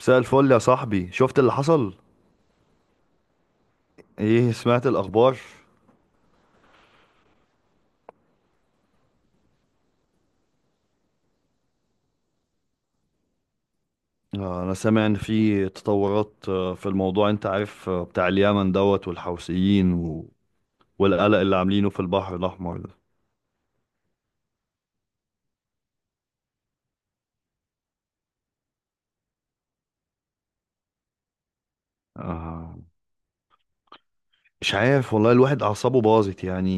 مساء الفل يا صاحبي، شفت اللي حصل؟ ايه، سمعت الاخبار؟ انا سامع ان في تطورات، في الموضوع انت عارف، بتاع اليمن دوت والحوثيين والقلق اللي عاملينه في البحر الاحمر ده. آه، مش عارف والله، الواحد اعصابه باظت يعني.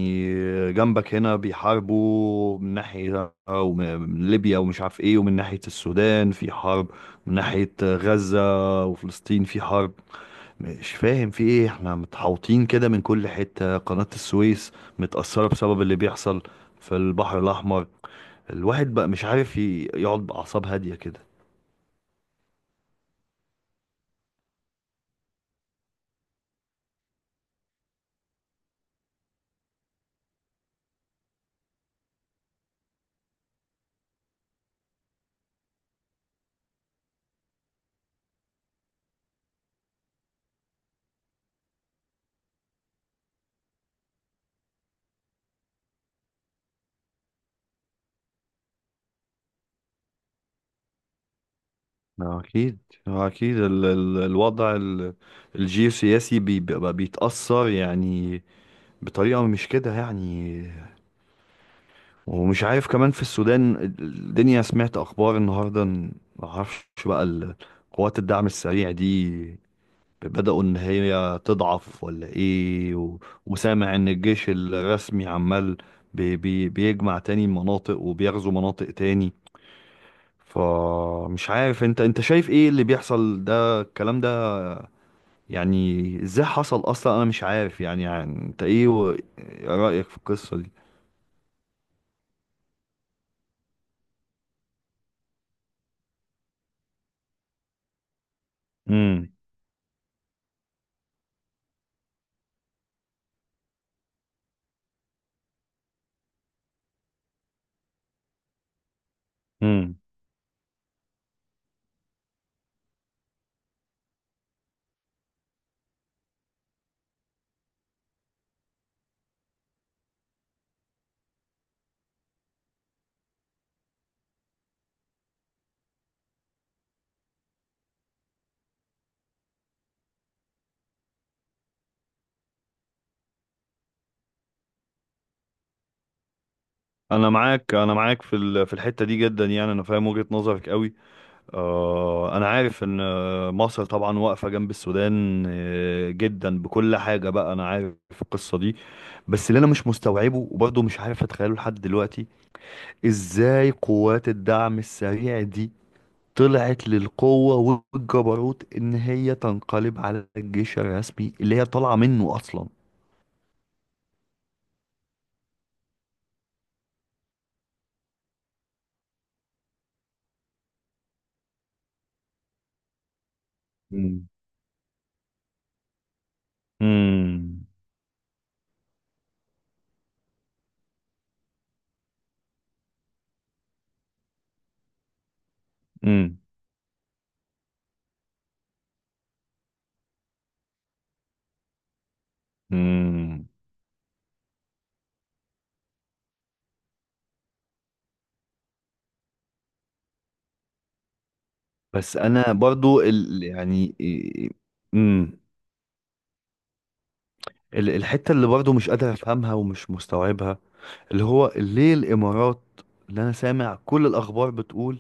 جنبك هنا بيحاربوا من ناحية، أو من ليبيا ومش عارف ايه، ومن ناحية السودان في حرب، من ناحية غزة وفلسطين في حرب. مش فاهم في ايه، احنا متحوطين كده من كل حتة. قناة السويس متأثرة بسبب اللي بيحصل في البحر الأحمر. الواحد بقى مش عارف يقعد بأعصاب هادية كده. ما أكيد ما أكيد ال ال الوضع الجيوسياسي بيبقى بيتأثر يعني، بطريقة مش كده يعني. ومش عارف كمان، في السودان الدنيا سمعت أخبار النهاردة ما أعرفش بقى قوات الدعم السريع دي بدأوا إن هي تضعف ولا إيه، وسامع إن الجيش الرسمي عمال بيجمع تاني مناطق وبيغزو مناطق تاني. فمش عارف، انت شايف ايه اللي بيحصل ده؟ الكلام ده يعني ازاي حصل اصلا؟ انا مش عارف يعني، انت ايه رأيك في القصة دي؟ امم امم انا معاك في الحتة دي جدا يعني، انا فاهم وجهة نظرك قوي. أنا عارف إن مصر طبعا واقفة جنب السودان جدا بكل حاجة بقى. أنا عارف القصة دي، بس اللي أنا مش مستوعبه وبرضه مش عارف أتخيله لحد دلوقتي، إزاي قوات الدعم السريع دي طلعت للقوة والجبروت إن هي تنقلب على الجيش الرسمي اللي هي طالعة منه أصلا؟ مم. مم. مم. مم. بس انا برضو يعني مم. الحتة اللي برضه مش قادر أفهمها ومش مستوعبها، اللي هو ليه الإمارات، اللي أنا سامع كل الأخبار بتقول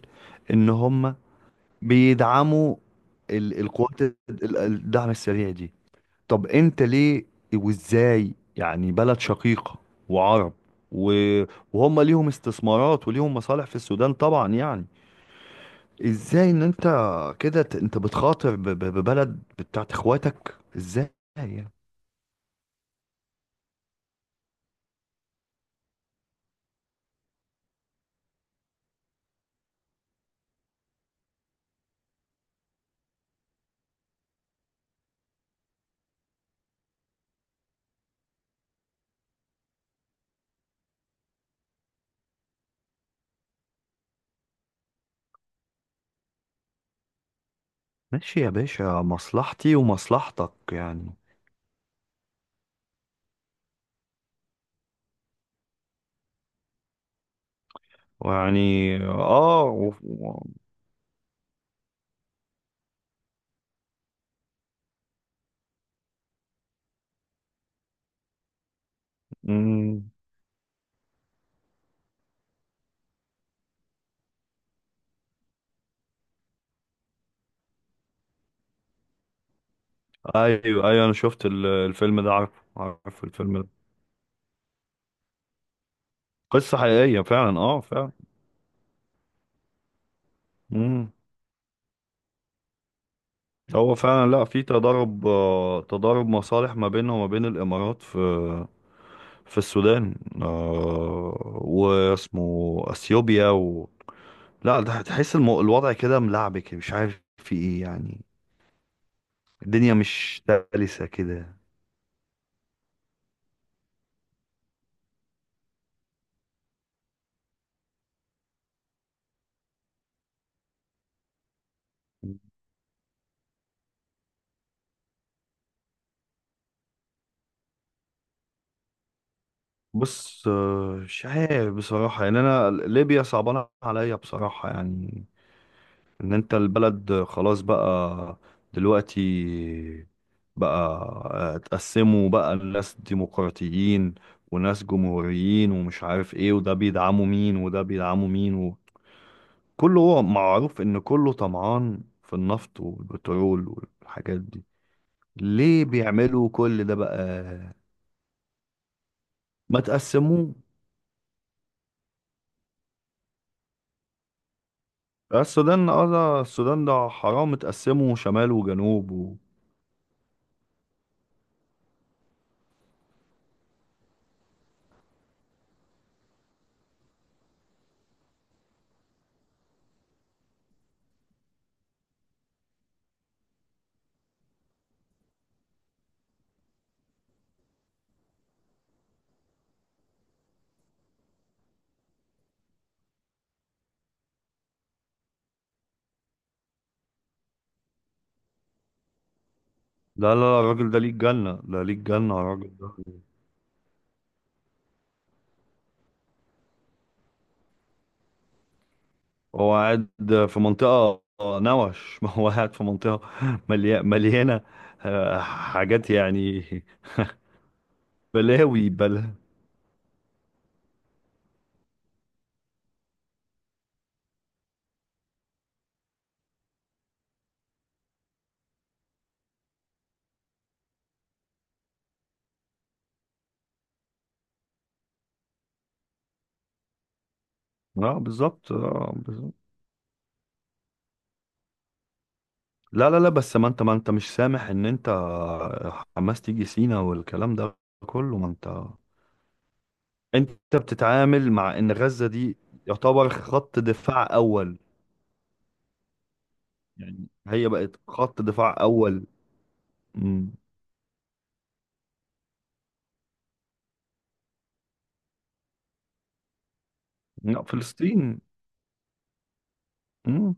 إن هم بيدعموا القوات الدعم السريع دي؟ طب أنت ليه؟ وإزاي يعني بلد شقيقة وعرب، و- وهم ليهم استثمارات وليهم مصالح في السودان طبعا يعني، إزاي إن أنت كده أنت بتخاطر ببلد بتاعت إخواتك إزاي يعني؟ ماشي يا باشا، مصلحتي ومصلحتك يعني. ويعني اه، مم. ايوه، ايوه، انا شفت الفيلم ده، عارف الفيلم ده. قصة حقيقية فعلا، اه، فعلا. مم. هو فعلا، لا، في تضارب، تضارب مصالح ما بينها وما بين الامارات، في السودان، واسمه اثيوبيا لا، ده تحس الوضع كده ملعبك، مش عارف في ايه يعني. الدنيا مش سلسة كده. بص، مش عارف بصراحة يعني، أنا ليبيا صعبانة عليا بصراحة يعني، إن أنت البلد خلاص بقى دلوقتي بقى. اتقسموا بقى، الناس ديمقراطيين وناس جمهوريين، ومش عارف إيه، وده بيدعموا مين وده بيدعموا مين. وكله هو معروف إن كله طمعان في النفط والبترول والحاجات دي. ليه بيعملوا كل ده بقى؟ ما تقسموه السودان ده حرام، اتقسموا شمال وجنوب لا، لا، لا، الراجل ده ليه الجنة، ده ليه الجنة الراجل ده. هو قاعد في منطقة، نوش ما هو قاعد في منطقة مليانة حاجات يعني، بلاوي اه بالظبط، بالظبط. لا، لا، لا، بس ما انت مش سامح ان انت حماس تيجي سينا والكلام ده كله؟ ما انت بتتعامل مع ان غزة دي يعتبر خط دفاع اول. يعني هي بقت خط دفاع أول. مم. لا، فلسطين. مم.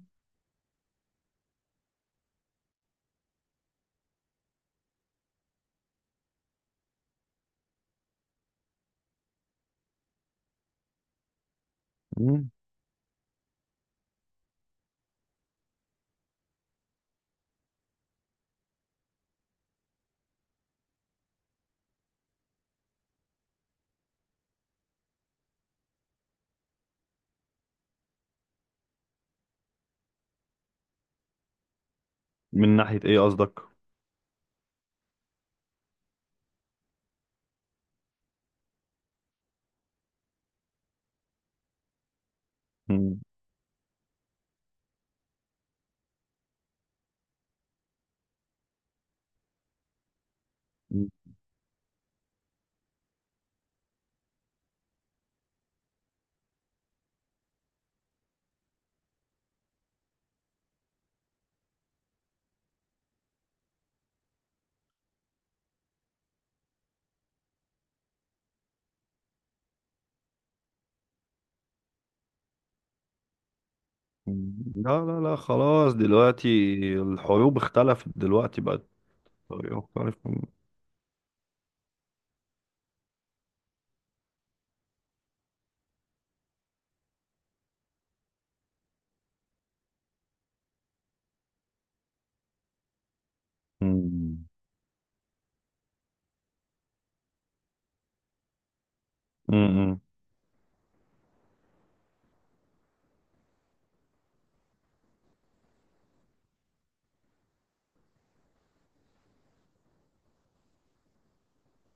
مم. من ناحية إيه قصدك؟ مم. مم. لا، لا، لا، خلاص، دلوقتي الحروب اختلفت، دلوقتي بقت طريقة مختلفة. مم. مم.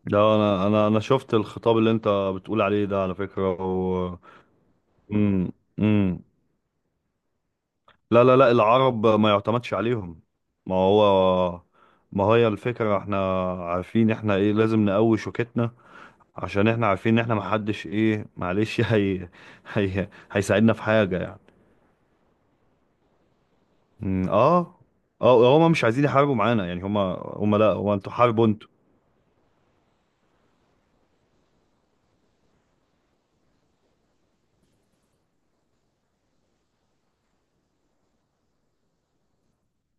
لا، أنا شفت الخطاب اللي أنت بتقول عليه ده على فكرة مم. مم. لا، لا، لا، العرب ما يعتمدش عليهم. ما هو، ما هي الفكرة، احنا عارفين احنا ايه، لازم نقوي شوكتنا عشان احنا عارفين ان احنا محدش، ايه، معلش هي هيساعدنا في حاجة يعني؟ مم، اه، اه، هما مش عايزين يحاربوا معانا يعني. هما، لا، هو انتوا حاربوا انتوا.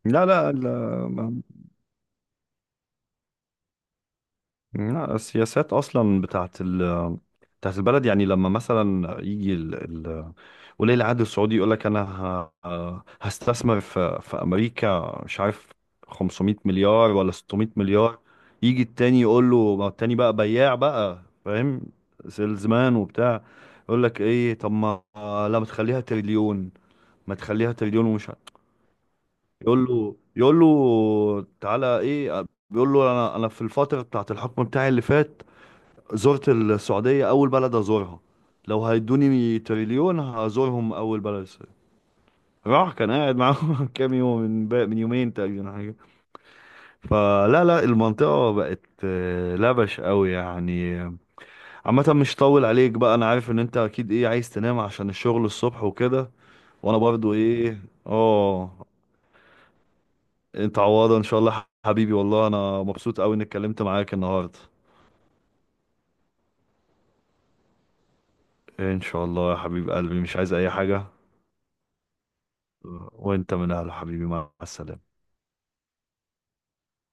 لا، لا، لا، ما- لا، السياسات اصلا بتاعت بتاعت البلد يعني، لما مثلا يجي ال... ولي العهد السعودي يقول لك، انا هستثمر في امريكا، مش عارف، 500 مليار ولا 600 مليار. يجي التاني يقول له، ما التاني بقى بياع بقى فاهم، سيلزمان وبتاع، يقول لك ايه؟ طب ما لا، ما تخليها تريليون، ما تخليها تريليون ومش عارف. يقول له، تعالى ايه؟ بيقول له، انا انا في الفتره بتاعت الحكم بتاعي اللي فات زرت السعودية أول بلد أزورها، لو هيدوني تريليون هزورهم أول بلد السعودية. راح كان قاعد معاهم كام يوم، من من يومين تقريبا حاجة. فلا، لا، المنطقة بقت لبش قوي يعني. عامة، مش طول عليك بقى، أنا عارف إن أنت أكيد إيه، عايز تنام عشان الشغل الصبح وكده. وأنا برضو إيه، آه، أنت عوضة إن شاء الله حبيبي. والله أنا مبسوط قوي إني اتكلمت معاك النهاردة. إن شاء الله يا حبيب قلبي، مش عايز أي حاجة. وانت من اهل، حبيبي، مع السلامة.